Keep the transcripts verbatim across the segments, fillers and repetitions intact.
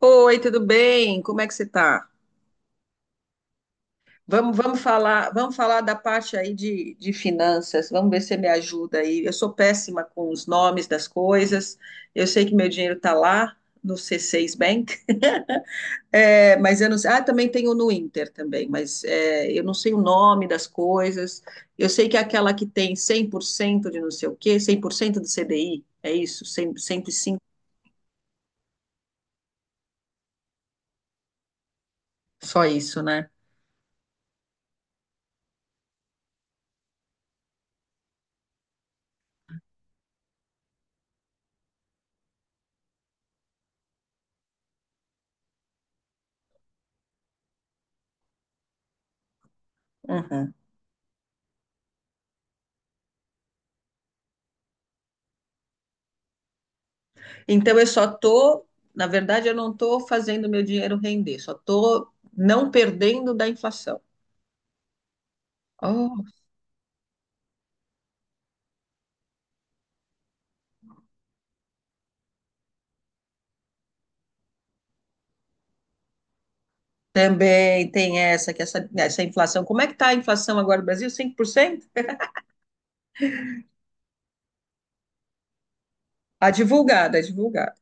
Oi, tudo bem? Como é que você está? Vamos, vamos falar, vamos falar da parte aí de, de finanças. Vamos ver se você me ajuda aí. Eu sou péssima com os nomes das coisas. Eu sei que meu dinheiro está lá no C seis Bank, é, mas eu não sei. Ah, também tenho no Inter também, mas é, eu não sei o nome das coisas. Eu sei que é aquela que tem cem por cento de não sei o quê, cem por cento do C D I, é isso? cem, cinco. Só isso, né? Uhum. Então eu só tô, na verdade, eu não estou fazendo meu dinheiro render, só estou não perdendo da inflação. Oh, também tem essa, que essa, essa inflação. Como é que está a inflação agora no Brasil? cinco por cento? A divulgada, a divulgada.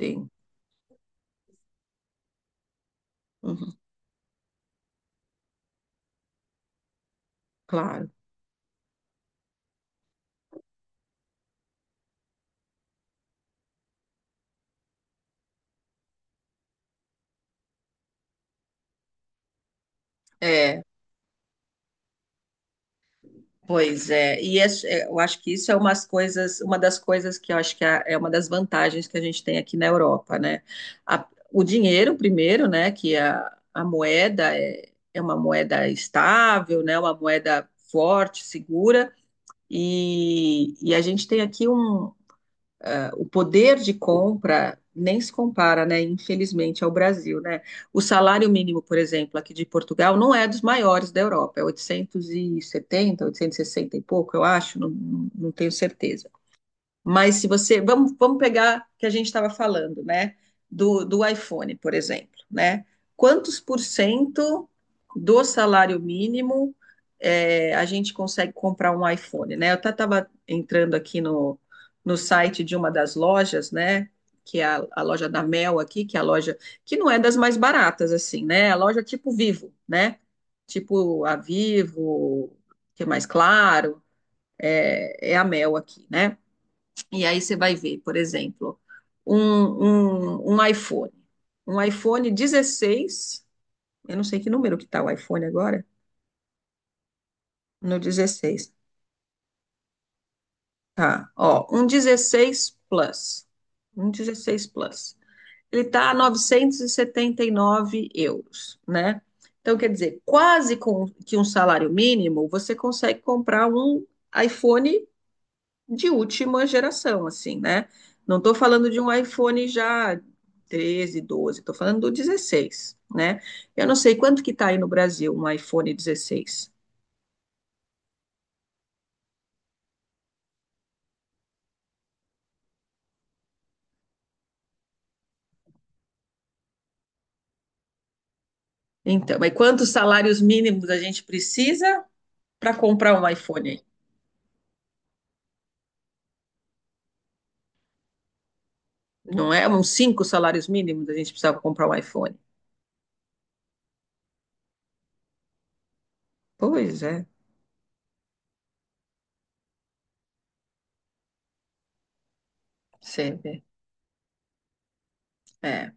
Sim, uhum, claro. É, pois é, e es- é, eu acho que isso é umas coisas, uma das coisas que eu acho que é é uma das vantagens que a gente tem aqui na Europa, né? A- o dinheiro, primeiro, né? Que é a, a moeda é, é uma moeda estável, né? Uma moeda forte, segura, e, e a gente tem aqui um, ah, o poder de compra nem se compara, né, infelizmente, ao Brasil, né? O salário mínimo, por exemplo, aqui de Portugal, não é dos maiores da Europa, é oitocentos e setenta, oitocentos e sessenta e sessenta e pouco, eu acho, não, não tenho certeza. Mas se você. Vamos, vamos pegar o que a gente estava falando, né? Do, do iPhone, por exemplo, né? Quantos por cento do salário mínimo é, a gente consegue comprar um iPhone, né? Eu até estava entrando aqui no, no site de uma das lojas, né? Que é a, a loja da Mel aqui, que é a loja que não é das mais baratas, assim, né? A loja tipo Vivo, né? Tipo a Vivo, que é mais claro, é, é a Mel aqui, né? E aí você vai ver, por exemplo, um, um, um iPhone. Um iPhone dezesseis, eu não sei que número que está o iPhone agora, no dezesseis. Tá, ó, um dezesseis Plus. Um dezesseis Plus. Ele está a novecentos e setenta e nove euros, né? Então, quer dizer, quase com que um salário mínimo, você consegue comprar um iPhone de última geração, assim, né? Não estou falando de um iPhone já treze, doze, estou falando do dezesseis, né? Eu não sei quanto que está aí no Brasil um iPhone dezesseis. Então, mas quantos salários mínimos a gente precisa para comprar um iPhone? Não é uns cinco salários mínimos a gente precisa comprar um iPhone. Pois é, você vê. É,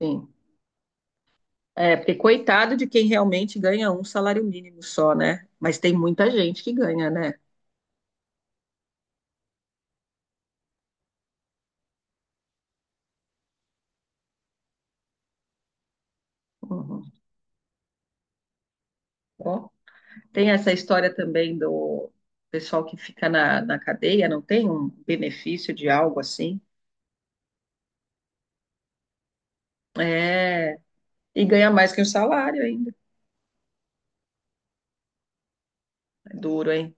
sim. É, porque coitado de quem realmente ganha um salário mínimo só, né? Mas tem muita gente que ganha, né? Uhum. Tem essa história também do pessoal que fica na, na cadeia, não tem um benefício de algo assim? É, e ganha mais que um salário ainda. É duro, hein?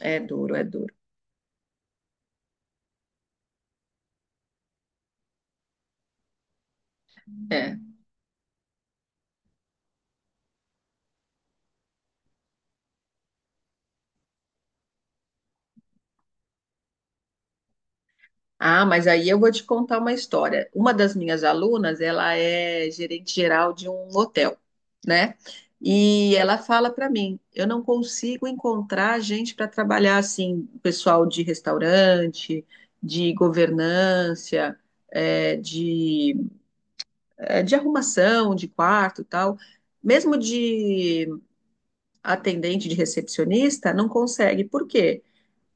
É duro, é duro. É. Ah, mas aí eu vou te contar uma história. Uma das minhas alunas, ela é gerente geral de um hotel, né? E ela fala para mim, eu não consigo encontrar gente para trabalhar assim, pessoal de restaurante, de governança é, de eh, de arrumação, de quarto, e tal, mesmo de atendente, de recepcionista, não consegue. Por quê?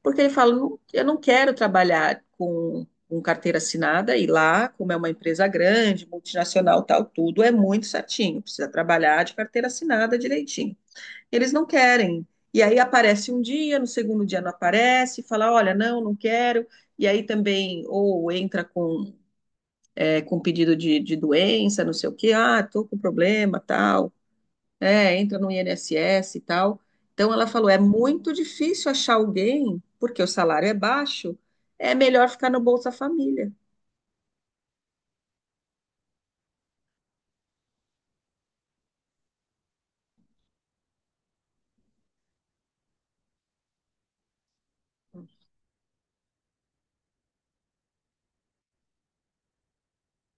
Porque ele fala, "Não- eu não quero trabalhar com, com carteira assinada e lá, como é uma empresa grande, multinacional, tal, tudo é muito certinho, precisa trabalhar de carteira assinada direitinho. Eles não querem. E aí aparece um dia, no segundo dia não aparece, fala, olha, não, não quero. E aí também, ou entra com é, com pedido de, de doença, não sei o quê, ah, tô com problema, tal, é, entra no I N S S e tal. Então ela falou, é muito difícil achar alguém, porque o salário é baixo, é melhor ficar no Bolsa Família.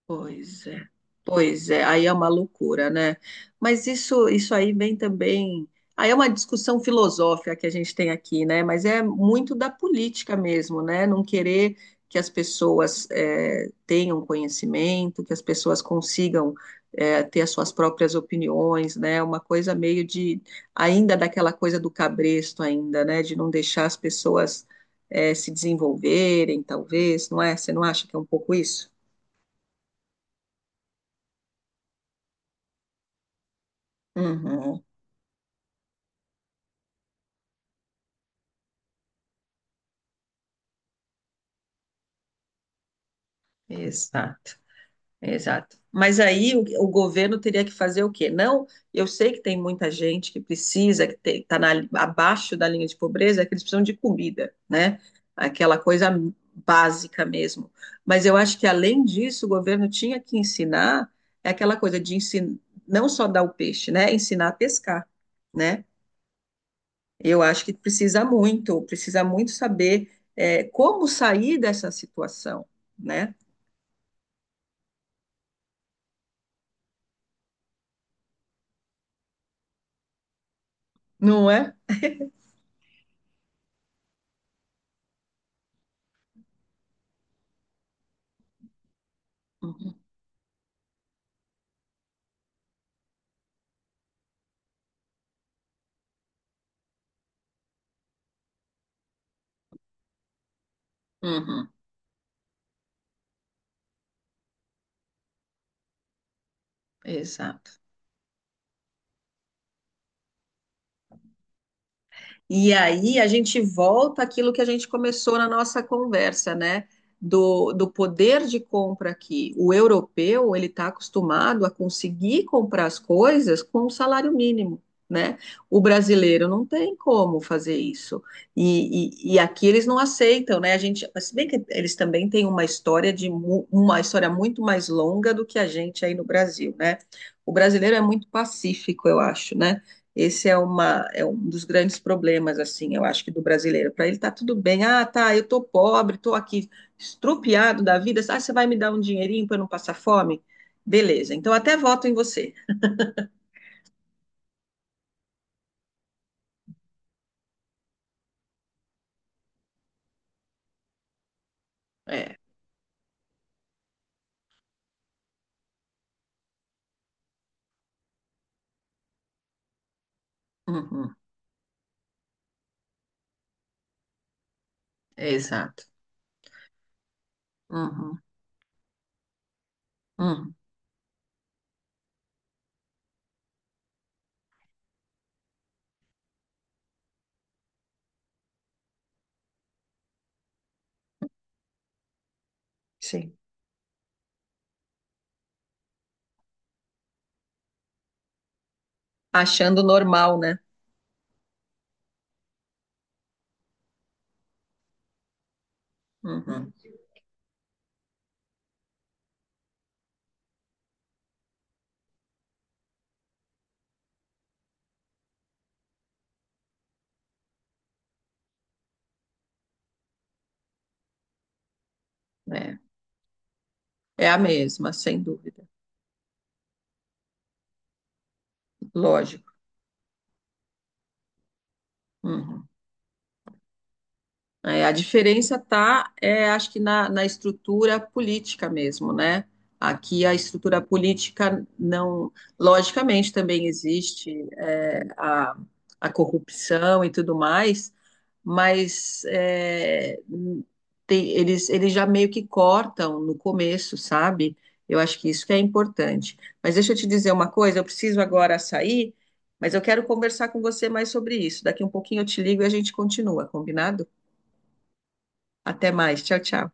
Pois é, pois é, aí é uma loucura, né? Mas isso, isso aí vem também. Aí é uma discussão filosófica que a gente tem aqui, né? Mas é muito da política mesmo, né? Não querer que as pessoas eh, tenham conhecimento, que as pessoas consigam eh, ter as suas próprias opiniões, né? Uma coisa meio de ainda daquela coisa do cabresto ainda, né? De não deixar as pessoas eh, se desenvolverem, talvez, não é? Você não acha que é um pouco isso? Uhum. Exato, exato. Mas aí o, o governo teria que fazer o quê? Não, eu sei que tem muita gente que precisa, que está abaixo da linha de pobreza, que eles precisam de comida, né? Aquela coisa básica mesmo. Mas eu acho que além disso, o governo tinha que ensinar é aquela coisa de ensinar, não só dar o peixe, né? Ensinar a pescar, né? Eu acho que precisa muito, precisa muito saber é, como sair dessa situação, né? Não é? Uhum. Uhum, exato. E aí a gente volta àquilo que a gente começou na nossa conversa, né? Do, do poder de compra aqui. O europeu, ele está acostumado a conseguir comprar as coisas com um salário mínimo, né? O brasileiro não tem como fazer isso. E, e, e aqui eles não aceitam, né? A gente, se bem que eles também têm uma história de mu- uma história muito mais longa do que a gente aí no Brasil, né? O brasileiro é muito pacífico, eu acho, né? Esse é, uma, é um dos grandes problemas, assim, eu acho que do brasileiro. Para ele tá tudo bem. Ah, tá, eu tô pobre, tô aqui estrupiado da vida. Ah, você vai me dar um dinheirinho para eu não passar fome? Beleza, então até voto em você. É, uhum, é exato. Uhum, uhum, sim. Achando normal, né? Uhum, é, é a mesma, sem dúvida. Lógico. Uhum. É, a diferença tá, é, acho que na, na estrutura política mesmo, né? Aqui a estrutura política não, logicamente também existe é, a, a corrupção e tudo mais, mas é, tem- eles, eles já meio que cortam no começo, sabe? Eu acho que isso que é importante. Mas deixa eu te dizer uma coisa, eu preciso agora sair, mas eu quero conversar com você mais sobre isso. Daqui um pouquinho eu te ligo e a gente continua, combinado? Até mais. Tchau, tchau.